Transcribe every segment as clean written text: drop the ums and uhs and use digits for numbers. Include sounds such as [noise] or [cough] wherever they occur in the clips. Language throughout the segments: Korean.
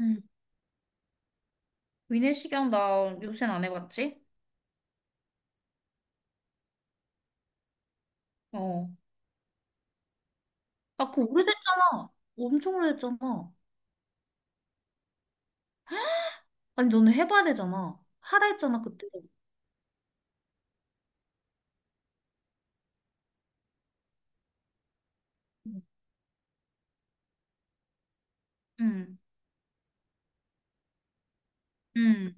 응. 위내시경 나 요새는 안 해봤지? 어. 아, 그거 오래됐잖아. 엄청 오래됐잖아. 아니, 너는 해봐야 되잖아. 하라 했잖아, 그때. 응. 응.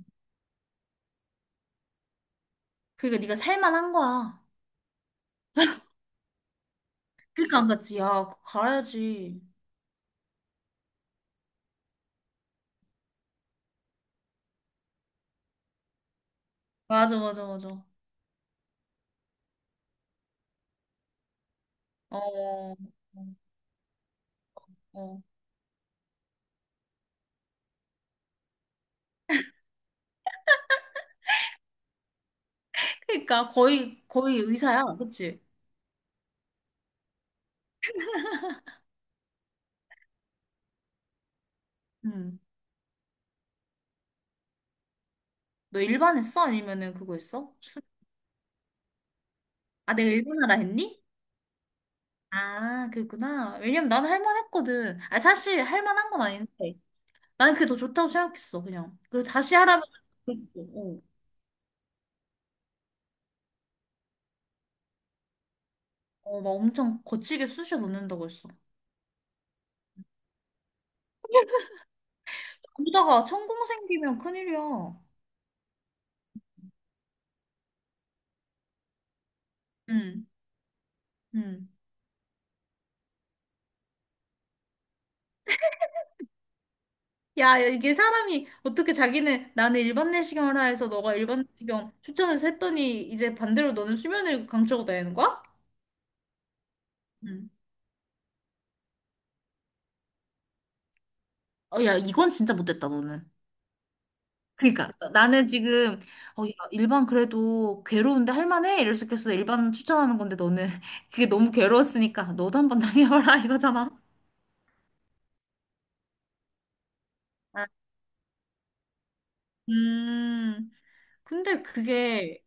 그러니까 네가 살만한 거야. 그러니까 안 갔지. 야, 그거 가야지. 맞아, 맞아, 맞아. 어, 어. 어. 그러니까 거의, 거의 의사야. 그치? 응. 너 일반 했어? 아니면은 그거 했어? 아, 내가 일반하라 했니? 아, 그랬구나. 왜냐면 나는 할만했거든. 아, 사실 할만한 건 아닌데. 나는 그게 더 좋다고 생각했어, 그냥. 그리고 다시 하라면, 그랬고, 어, 어, 막 엄청 거치게 쑤셔 넣는다고 했어. 그러다가 천공 생기면 큰일이야. 응, 응. 야, 야, 이게 사람이 어떻게 자기는 나는 일반 내시경을 하라 해서 너가 일반 내시경 추천해서 했더니 이제 반대로 너는 수면을 강추하고 다니는 거야? 응. 어, 야, 이건 진짜 못됐다, 너는. 그러니까 나는 지금 어, 야, 일반 그래도 괴로운데 할만해 이럴 수 있겠어 일반 추천하는 건데 너는 [laughs] 그게 너무 괴로웠으니까 너도 한번 [laughs] 당해봐라 이거잖아. 아, 음 근데 그게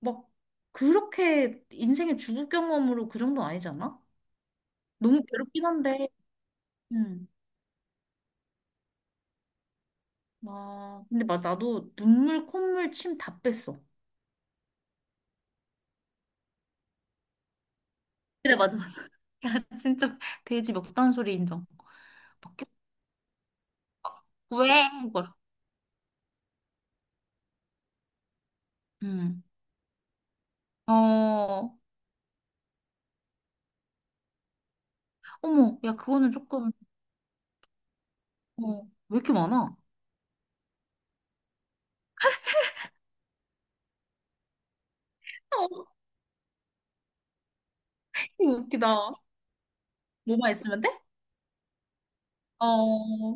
막 그렇게 인생의 죽을 경험으로 그 정도 아니잖아? 너무 괴롭긴 한데 음아 근데 막 나도 눈물 콧물 침 다 뺐어. 그래, 맞아, 맞아. [laughs] 야, 진짜 돼지 먹던 소리 인정. 막 왜? 이걸. 음. 어. 어머, 야, 그거는 조금, 어, 왜 이렇게 많아? 어, 이거 웃기다. 뭐만 있으면 돼? 어,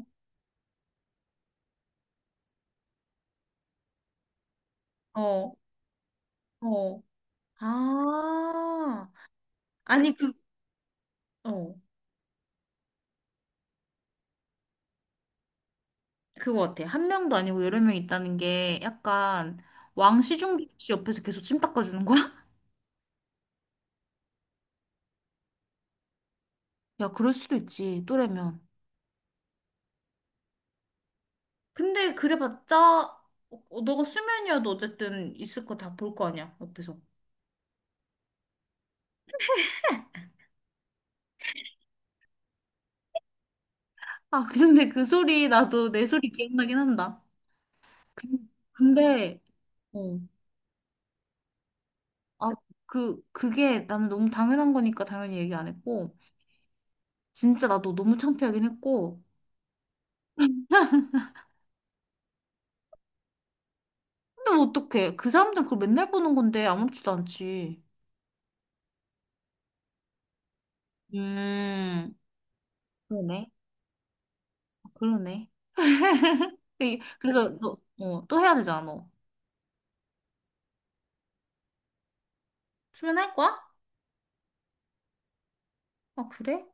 어, 어. 아, 아니, 그, 어, 그거 같아. 한 명도 아니고 여러 명 있다는 게 약간 왕 시중기 씨 옆에서 계속 침 닦아주는 거야? [laughs] 야, 그럴 수도 있지, 또래면. 근데 그래봤자, 어, 어, 너가 수면이어도 어쨌든 있을 거 다 볼 거 아니야, 옆에서. 아, 근데 그 소리, 나도 내 소리 기억나긴 한다. 근데, 어, 아, 그, 그게 나는 너무 당연한 거니까 당연히 얘기 안 했고, 진짜 나도 너무 창피하긴 했고, 근데 뭐 어떡해. 그 사람들 그걸 맨날 보는 건데 아무렇지도 않지. 음, 그러네. 아, 그러네. 그래서 너, 어, 또 해야 되잖아, 너. 수면할 거야? 아, 그래?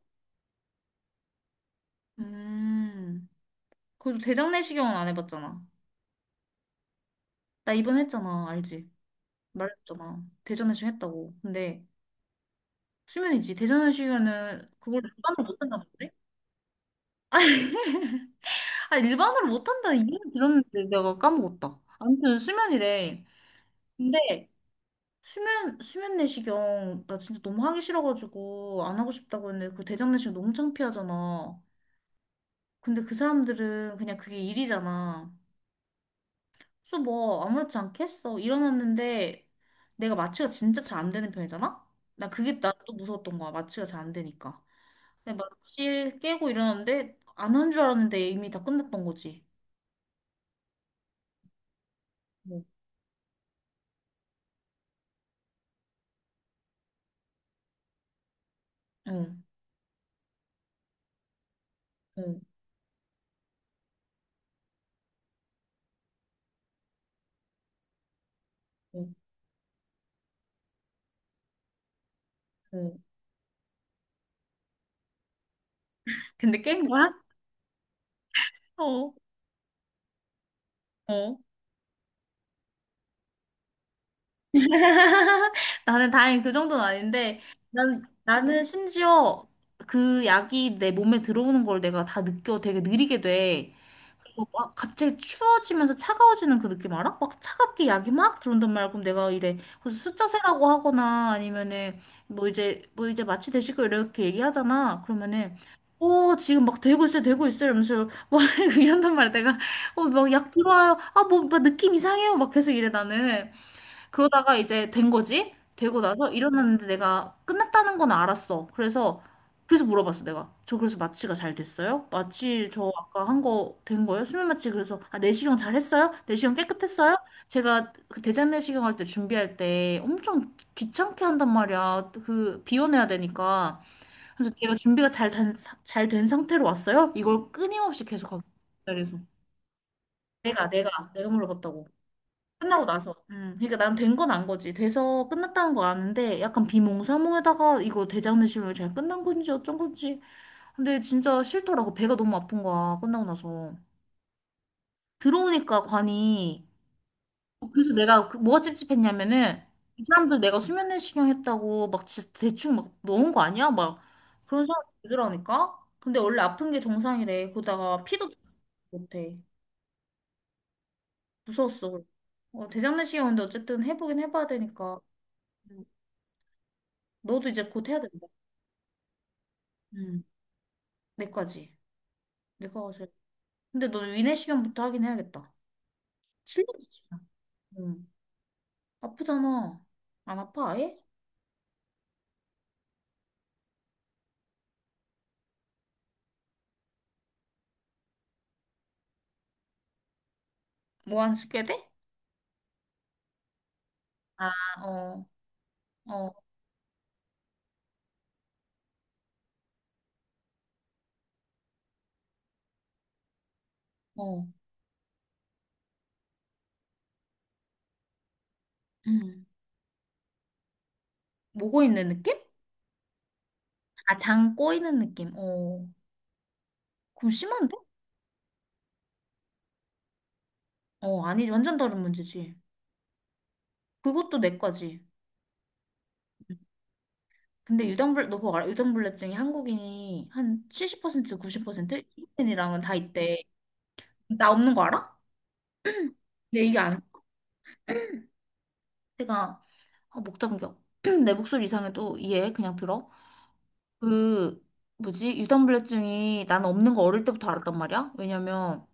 음. 그래도 대장 내시경은 안 해봤잖아. 나 이번 했잖아, 알지? 말했잖아. 대장 내시경 했다고. 근데 수면이지. 대장 내시경은 그걸 안 받는 못 한다던데? [laughs] 아, 일반으로 못한다 이름 들었는데 내가 까먹었다. 아무튼 수면이래. 근데 수면 내시경 나 진짜 너무 하기 싫어가지고 안 하고 싶다고 했는데 그 대장 내시경 너무 창피하잖아. 근데 그 사람들은 그냥 그게 일이잖아. 그래서 뭐 아무렇지 않게 했어. 일어났는데 내가 마취가 진짜 잘 안 되는 편이잖아. 나 그게 나 또 무서웠던 거야. 마취가 잘 안 되니까. 근데 마취 깨고 일어났는데 안 한 줄 알았는데 이미 다 끝났던 거지. 뭐, 응, 응, 응. 응. 근데 깬 거야? 어. 어. [laughs] 나는 다행히 그 정도는 아닌데, 나는 심지어 그 약이 내 몸에 들어오는 걸 내가 다 느껴 되게 느리게 돼. 그거 막 갑자기 추워지면서 차가워지는 그 느낌 알아? 막 차갑게 약이 막 들어온단 말이야. 그럼 내가 이래 그래서 숫자 세라고 하거나 아니면은 뭐 이제 마취 되시고 이렇게 얘기하잖아. 그러면은 오 지금 막 되고 있어요, 되고 있어요, 이러면서 막 [laughs] 이런단 말이야. 내가 어 막 약 들어와요. 아 뭐 막 느낌 이상해요. 막 계속 이래 나는. 그러다가 이제 된 거지? 되고 나서 일어났는데 내가 끝났다는 건 알았어. 그래서 물어봤어 내가. 저 그래서 마취가 잘 됐어요? 마취 저 아까 한 거 된 거예요? 수면 마취. 그래서 아 내시경 잘 했어요? 내시경 깨끗했어요? 제가 그 대장 내시경 할 때 준비할 때 엄청 귀찮게 한단 말이야. 그 비워내야 되니까. 그래서 제가 준비가 잘된잘된 상태로 왔어요? 이걸 끊임없이 계속 하고 그래서 내가 물어봤다고. 끝나고 나서. 그러니까 난 된 건 안 거지. 돼서 끝났다는 거 아는데 약간 비몽사몽에다가 이거 대장내시경이 잘 끝난 건지 어쩐 건지. 근데 진짜 싫더라고. 배가 너무 아픈 거야. 끝나고 나서. 들어오니까 관이 어, 그래서 내가 그 뭐가 찝찝했냐면은 이 사람들 내가 수면내시경 했다고 막 진짜 대충 막 넣은 거 아니야? 막 그런 사람 들으라니까. 근데 원래 아픈 게 정상이래. 그러다가 피도 못해. 무서웠어. 어, 대장내시경인데 어쨌든 해보긴 해봐야 되니까. 음, 너도 이제 곧 해야 된다. 응, 내 거지. 내 거가 제일. 근데 너는 위내 시경부터 하긴 해야겠다. 실력이지. 응. 아프잖아. 안 아파, 아예? 뭐안 쓰게 돼? 아, 어, 어, 어. 응. 모고 있는 느낌? 아, 장 꼬이는 느낌. 어. 그럼 심한데? 어, 아니, 완전 다른 문제지. 그것도 내과지. 근데 너 그거 알아? 유당불내증이 한국인이 한 70%, 90%? 이인이랑은 다 있대. 나 없는 거 알아? 근데 이게 안, 내가 아, 목 잠겨. [clears throat] 내 목소리 이상해도 이해해. 그냥 들어. 그, 뭐지? 유당불내증이 나는 없는 거 어릴 때부터 알았단 말이야. 왜냐면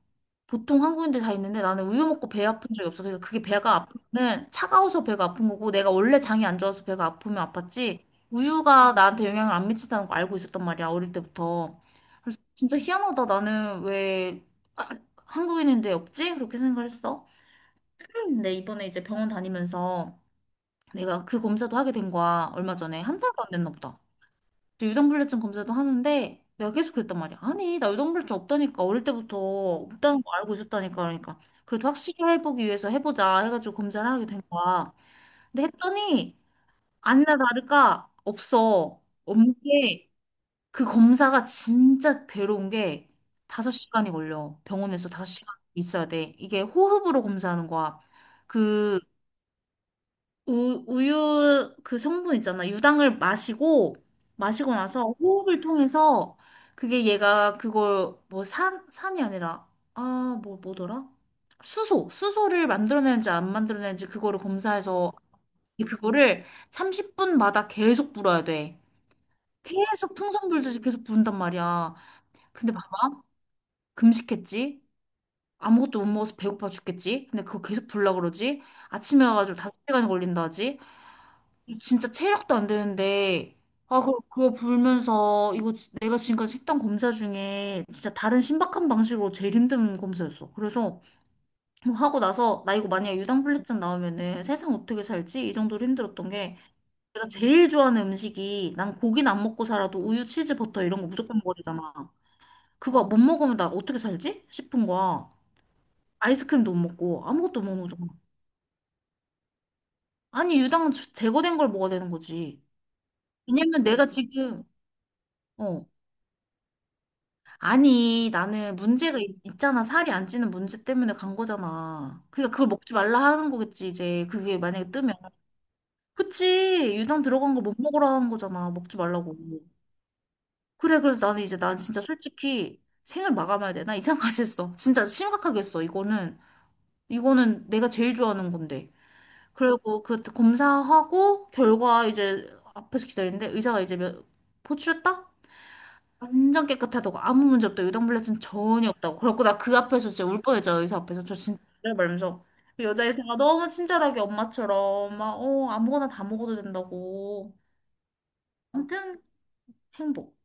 보통 한국인들 다 있는데 나는 우유 먹고 배 아픈 적이 없어. 그러니까 그게 배가 아프면 차가워서 배가 아픈 거고 내가 원래 장이 안 좋아서 배가 아프면 아팠지. 우유가 나한테 영향을 안 미친다는 거 알고 있었단 말이야. 어릴 때부터. 그래서 진짜 희한하다. 나는 왜 아, 한국인인데 없지? 그렇게 생각을 했어. [clears throat] 근데 이번에 이제 병원 다니면서 내가 그 검사도 하게 된 거야. 얼마 전에 한 달도 안 됐나 보다. 그래서 유당불내증 검사도 하는데 내가 계속 그랬단 말이야. 아니, 나 유당불내증 없다니까. 어릴 때부터 없다는 거 알고 있었다니까. 그러니까 그래도 확실히 해보기 위해서 해보자 해가지고 검사를 하게 된 거야. 근데 했더니 아니나 다를까 없어. 없는 게 그 검사가 진짜 괴로운 게 5시간이 걸려. 병원에서 5시간 있어야 돼. 이게 호흡으로 검사하는 거야. 그 우유 그 성분 있잖아. 유당을 마시고 나서 호흡을 통해서 그게 얘가 그걸 뭐 산이 아니라, 아, 뭐더라? 수소를 만들어내는지 안 만들어내는지 그거를 검사해서 그거를 30분마다 계속 불어야 돼. 계속 풍선 불듯이 계속 부른단 말이야. 근데 막 금식했지? 아무것도 못 먹어서 배고파 죽겠지? 근데 그거 계속 불라 그러지? 아침에 와가지고 5시간이 걸린다 하지? 이 진짜 체력도 안 되는데 아 그거 불면서 이거 지- 내가 지금까지 했던 검사 중에 진짜 다른 신박한 방식으로 제일 힘든 검사였어. 그래서 뭐 하고 나서 나 이거 만약에 유당불내증 나오면은 세상 어떻게 살지? 이 정도로 힘들었던 게 내가 제일 좋아하는 음식이 난 고기는 안 먹고 살아도 우유, 치즈, 버터 이런 거 무조건 먹으잖아. 그거 못 먹으면 나 어떻게 살지? 싶은 거야. 아이스크림도 못 먹고 아무것도 못 먹잖아. 아니 유당은 제거된 걸 먹어야 되는 거지. 왜냐면 내가 지금 어. 아니, 나는 문제가 있잖아. 살이 안 찌는 문제 때문에 간 거잖아. 그러니까 그걸 먹지 말라 하는 거겠지, 이제. 그게 만약에 뜨면. 그치. 유당 들어간 걸 못 먹으라 하는 거잖아. 먹지 말라고. 그래, 그래서 나는 이제 난 진짜 솔직히 생을 마감해야 돼. 나 이상까지 했어. 진짜 심각하게 했어. 이거는, 이거는 내가 제일 좋아하는 건데. 그리고 그 검사하고 결과 이제 앞에서 기다리는데 의사가 이제 몇, 포출했다? 완전 깨끗하다고 아무 문제 없다고 유당불내증 전혀 없다고 그래갖고 나 그 앞에서 진짜 울 뻔했죠. 의사 앞에서 저 진짜 말면서 그 여자 의사가 너무 친절하게 엄마처럼 막 어 아무거나 다 먹어도 된다고. 아무튼 행복.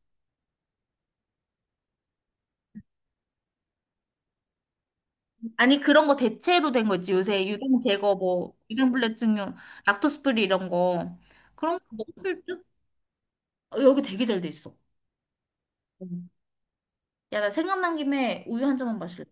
아니 그런 거 대체로 된 거 있지 요새 유당 제거 뭐 유당불내증용 락토스 프리 이런 거 그런 거 먹을 듯? 어, 여기 되게 잘 돼 있어. 야 나 생각난 김에 우유 한 잔만 마실래?